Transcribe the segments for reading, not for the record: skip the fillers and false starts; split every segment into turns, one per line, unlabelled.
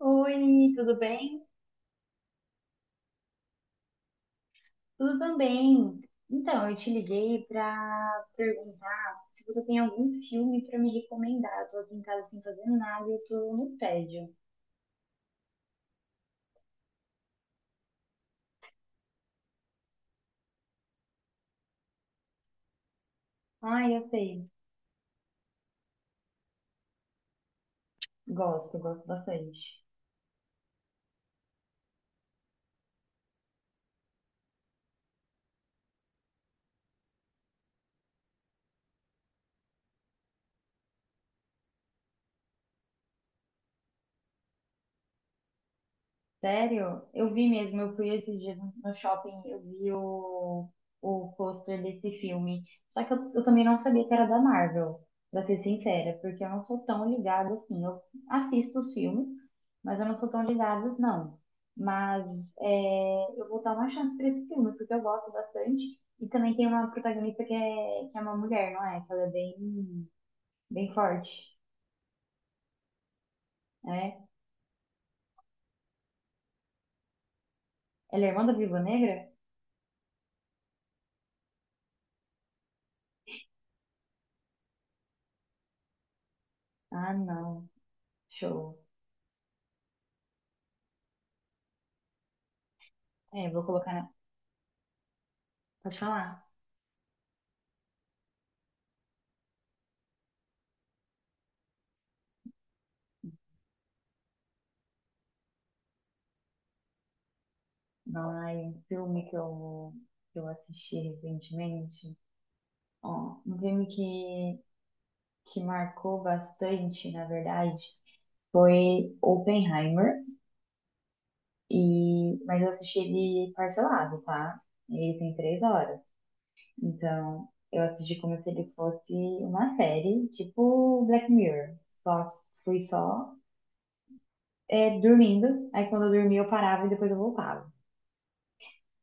Oi, tudo bem? Tudo também. Então, eu te liguei para perguntar se você tem algum filme para me recomendar. Eu tô aqui em casa sem fazer nada, e eu tô no tédio. Ai, eu sei. Gosto, gosto bastante. Sério? Eu vi mesmo, eu fui esses dias no shopping, eu vi o pôster desse filme. Só que eu também não sabia que era da Marvel, pra ser sincera, porque eu não sou tão ligada assim. Eu assisto os filmes, mas eu não sou tão ligada, não. Mas eu vou dar uma chance pra esse filme, porque eu gosto bastante. E também tem uma protagonista que é uma mulher, não é? Que ela é bem, bem forte, né? Ela é irmã da Viúva Negra? Ah, não. Show. É, vou colocar. Pode falar. Ai, um filme que eu assisti recentemente. Ó, um filme que marcou bastante, na verdade, foi Oppenheimer. E, mas eu assisti ele parcelado, tá? Ele tem 3 horas. Então, eu assisti como se ele fosse uma série, tipo Black Mirror. Só fui só dormindo. Aí quando eu dormia eu parava e depois eu voltava.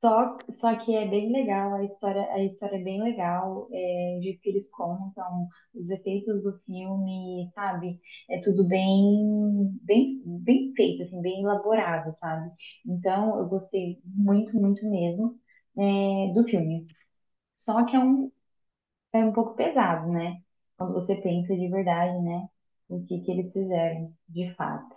Só que é bem legal, a história é bem legal, de que eles contam os efeitos do filme, sabe? É tudo bem, bem, bem feito, assim, bem elaborado, sabe? Então, eu gostei muito, muito mesmo, do filme. Só que é um pouco pesado, né? Quando você pensa de verdade, né? O que que eles fizeram, de fato.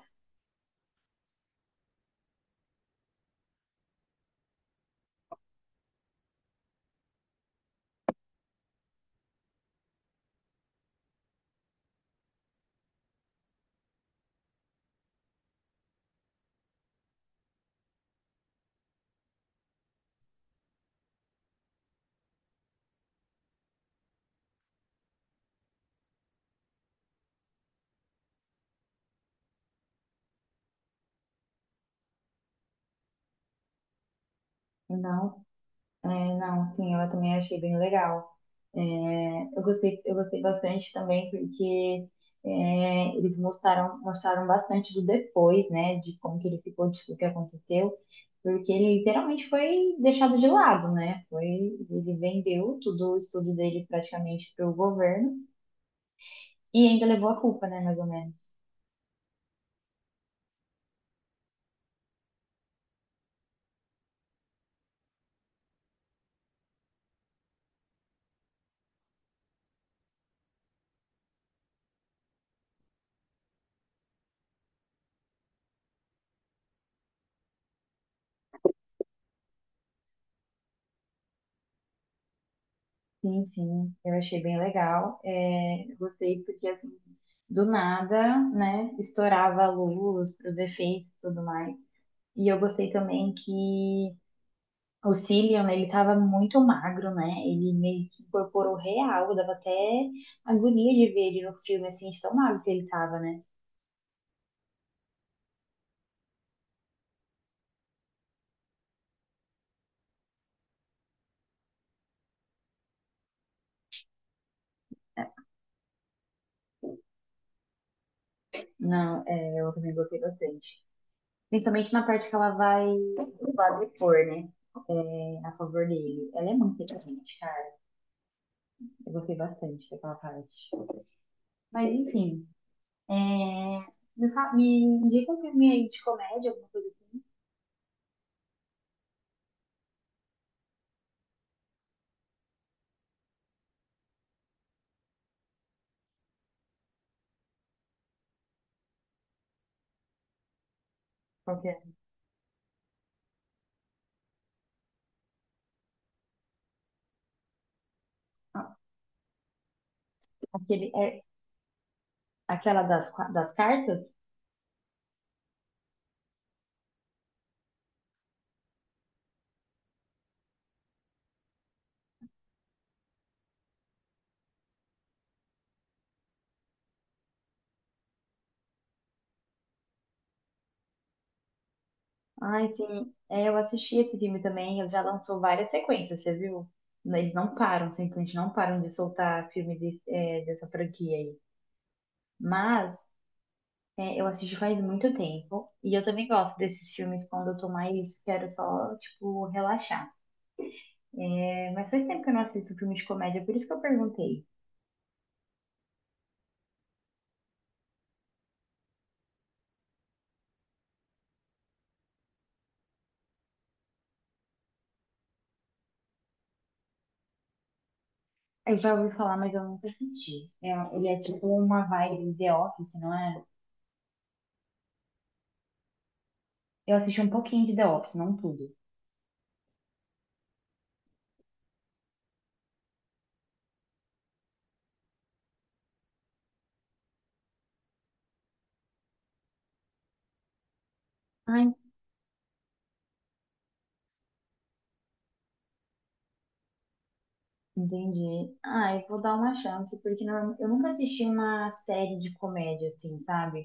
Não, é, não, sim, eu também achei bem legal. É, eu gostei bastante também porque eles mostraram, mostraram bastante do depois, né, de como que ele ficou, de tudo que aconteceu, porque ele literalmente foi deixado de lado, né? Foi, ele vendeu tudo o estudo dele praticamente para o governo e ainda levou a culpa, né, mais ou menos. Sim, sim, eu achei bem legal. É, eu gostei porque assim, do nada, né, estourava a luz para os efeitos e tudo mais. E eu gostei também que o Cillian, ele tava muito magro, né? Ele meio que incorporou real, dava até agonia de ver ele no filme, assim, de tão magro que ele tava, né? Não, eu também gostei bastante. Principalmente na parte que ela vai lá depor, né? É, a favor dele. Ela é muito inteligente, cara. Eu gostei bastante daquela parte. Mas, enfim, é, me indica um filme aí de comédia, alguma coisa assim. Qual que é? Ah, Aquele, é, aquela das cartas? Ai, sim. É, eu assisti esse filme também. Ele já lançou várias sequências, você viu? Eles não param, simplesmente não param de soltar filme dessa franquia aí. Mas eu assisti faz muito tempo. E eu também gosto desses filmes quando eu tô mais. Quero só, tipo, relaxar. É, mas faz tempo que eu não assisto filme de comédia, por isso que eu perguntei. Eu já ouvi falar, mas eu nunca assisti. É, ele é tipo uma vibe de The Office, não é? Eu assisti um pouquinho de The Office, não tudo. Entendi. Ah, eu vou dar uma chance, porque não, eu nunca assisti uma série de comédia, assim, sabe?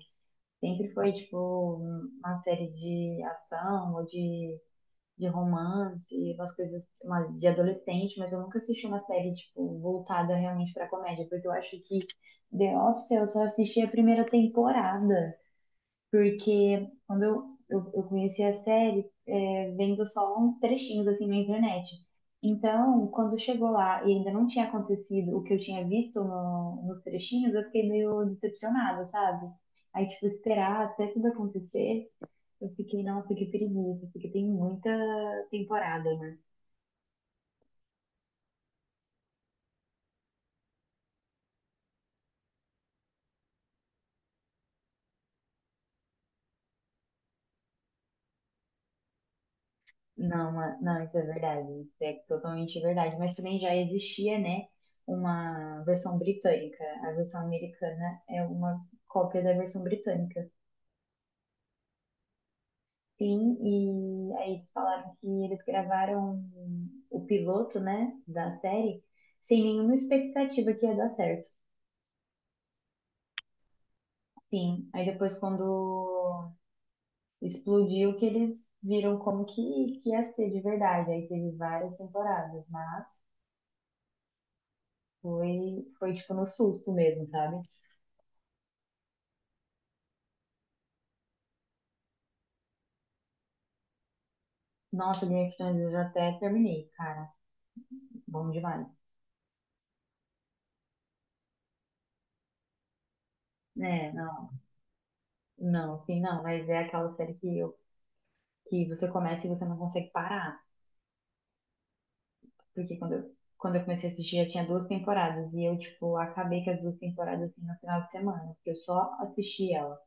Sempre foi, tipo, uma série de ação ou de romance, umas coisas uma, de adolescente, mas eu nunca assisti uma série, tipo, voltada realmente pra comédia, porque eu acho que The Office eu só assisti a primeira temporada. Porque quando eu conheci a série, vendo só uns trechinhos assim na internet. Então, quando chegou lá e ainda não tinha acontecido o que eu tinha visto no, nos trechinhos, eu fiquei meio decepcionada, sabe? Aí, tipo, esperar até tudo acontecer, eu fiquei, nossa, que preguiça, porque tem muita temporada, né? Não, isso é verdade, isso é totalmente verdade. Mas também já existia, né, uma versão britânica. A versão americana é uma cópia da versão britânica. Sim, e aí eles falaram que eles gravaram o piloto, né, da série, sem nenhuma expectativa que ia dar certo. Sim, aí depois quando explodiu que eles viram como que ia ser de verdade. Aí teve várias temporadas, mas foi tipo no susto mesmo, sabe? Nossa, Game of Thrones eu já até terminei, cara. Bom demais. É, não, não, sim, não. Mas é aquela série que você começa e você não consegue parar. Porque quando eu comecei a assistir já tinha duas temporadas. E eu, tipo, acabei com as duas temporadas assim no final de semana. Porque eu só assisti ela.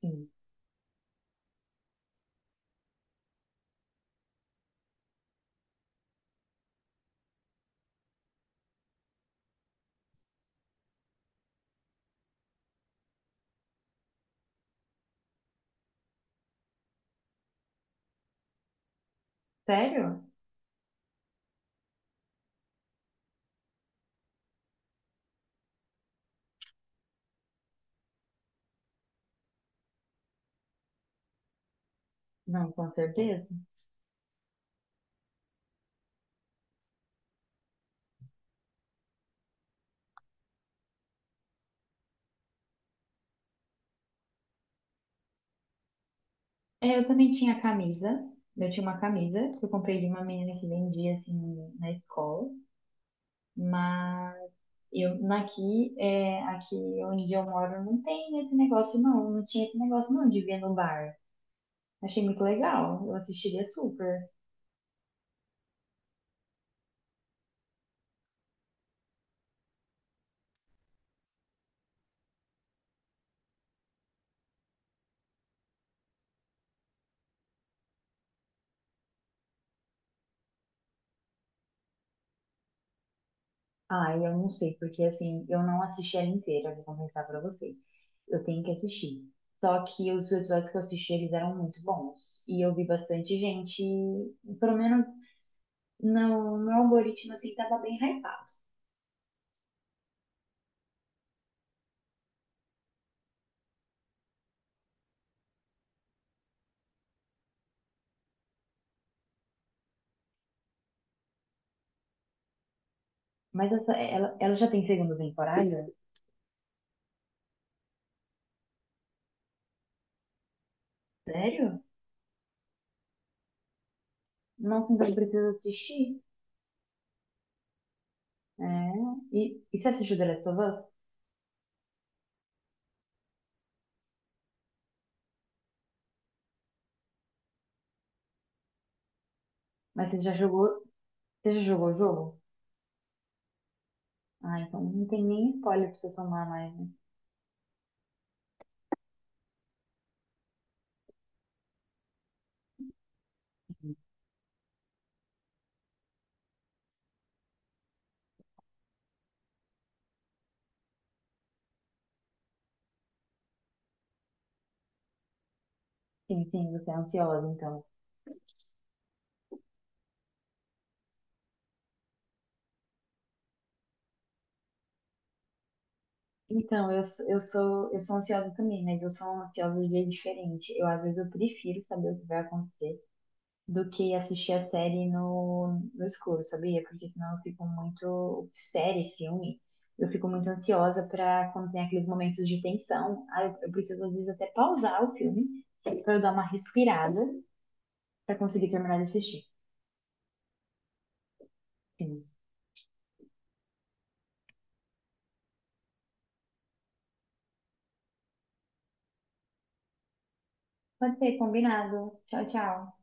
Sim. Sério? Não, com certeza. É, eu também tinha camisa. Eu tinha uma camisa que eu comprei de uma menina que vendia assim na escola. Mas. Eu, aqui onde eu moro, não tem esse negócio, não. Não tinha esse negócio, não, de ver no bar. Achei muito legal. Eu assistiria super. Ah, eu não sei, porque assim, eu não assisti ela inteira, vou confessar pra você. Eu tenho que assistir. Só que os episódios que eu assisti, eles eram muito bons. E eu vi bastante gente, pelo menos no meu algoritmo, assim, tava bem hypado. Mas ela já tem segunda temporada? Sério? Nossa, então eu preciso assistir. É. E você assistiu The Last of Us? Mas você já jogou? Você já jogou o jogo? Ah, então não tem nem spoiler pra você tomar mais, né? Sim, sim, você é ansiosa, então. Então, eu sou ansiosa também, mas eu sou ansiosa de jeito diferente. Eu, às vezes, eu prefiro saber o que vai acontecer do que assistir a série no escuro, sabia? Porque senão eu fico muito. Série, filme, eu fico muito ansiosa pra quando tem aqueles momentos de tensão. Ah, eu preciso, às vezes, até pausar o filme pra eu dar uma respirada pra conseguir terminar de assistir. Sim. Pode ser, combinado. Tchau, tchau.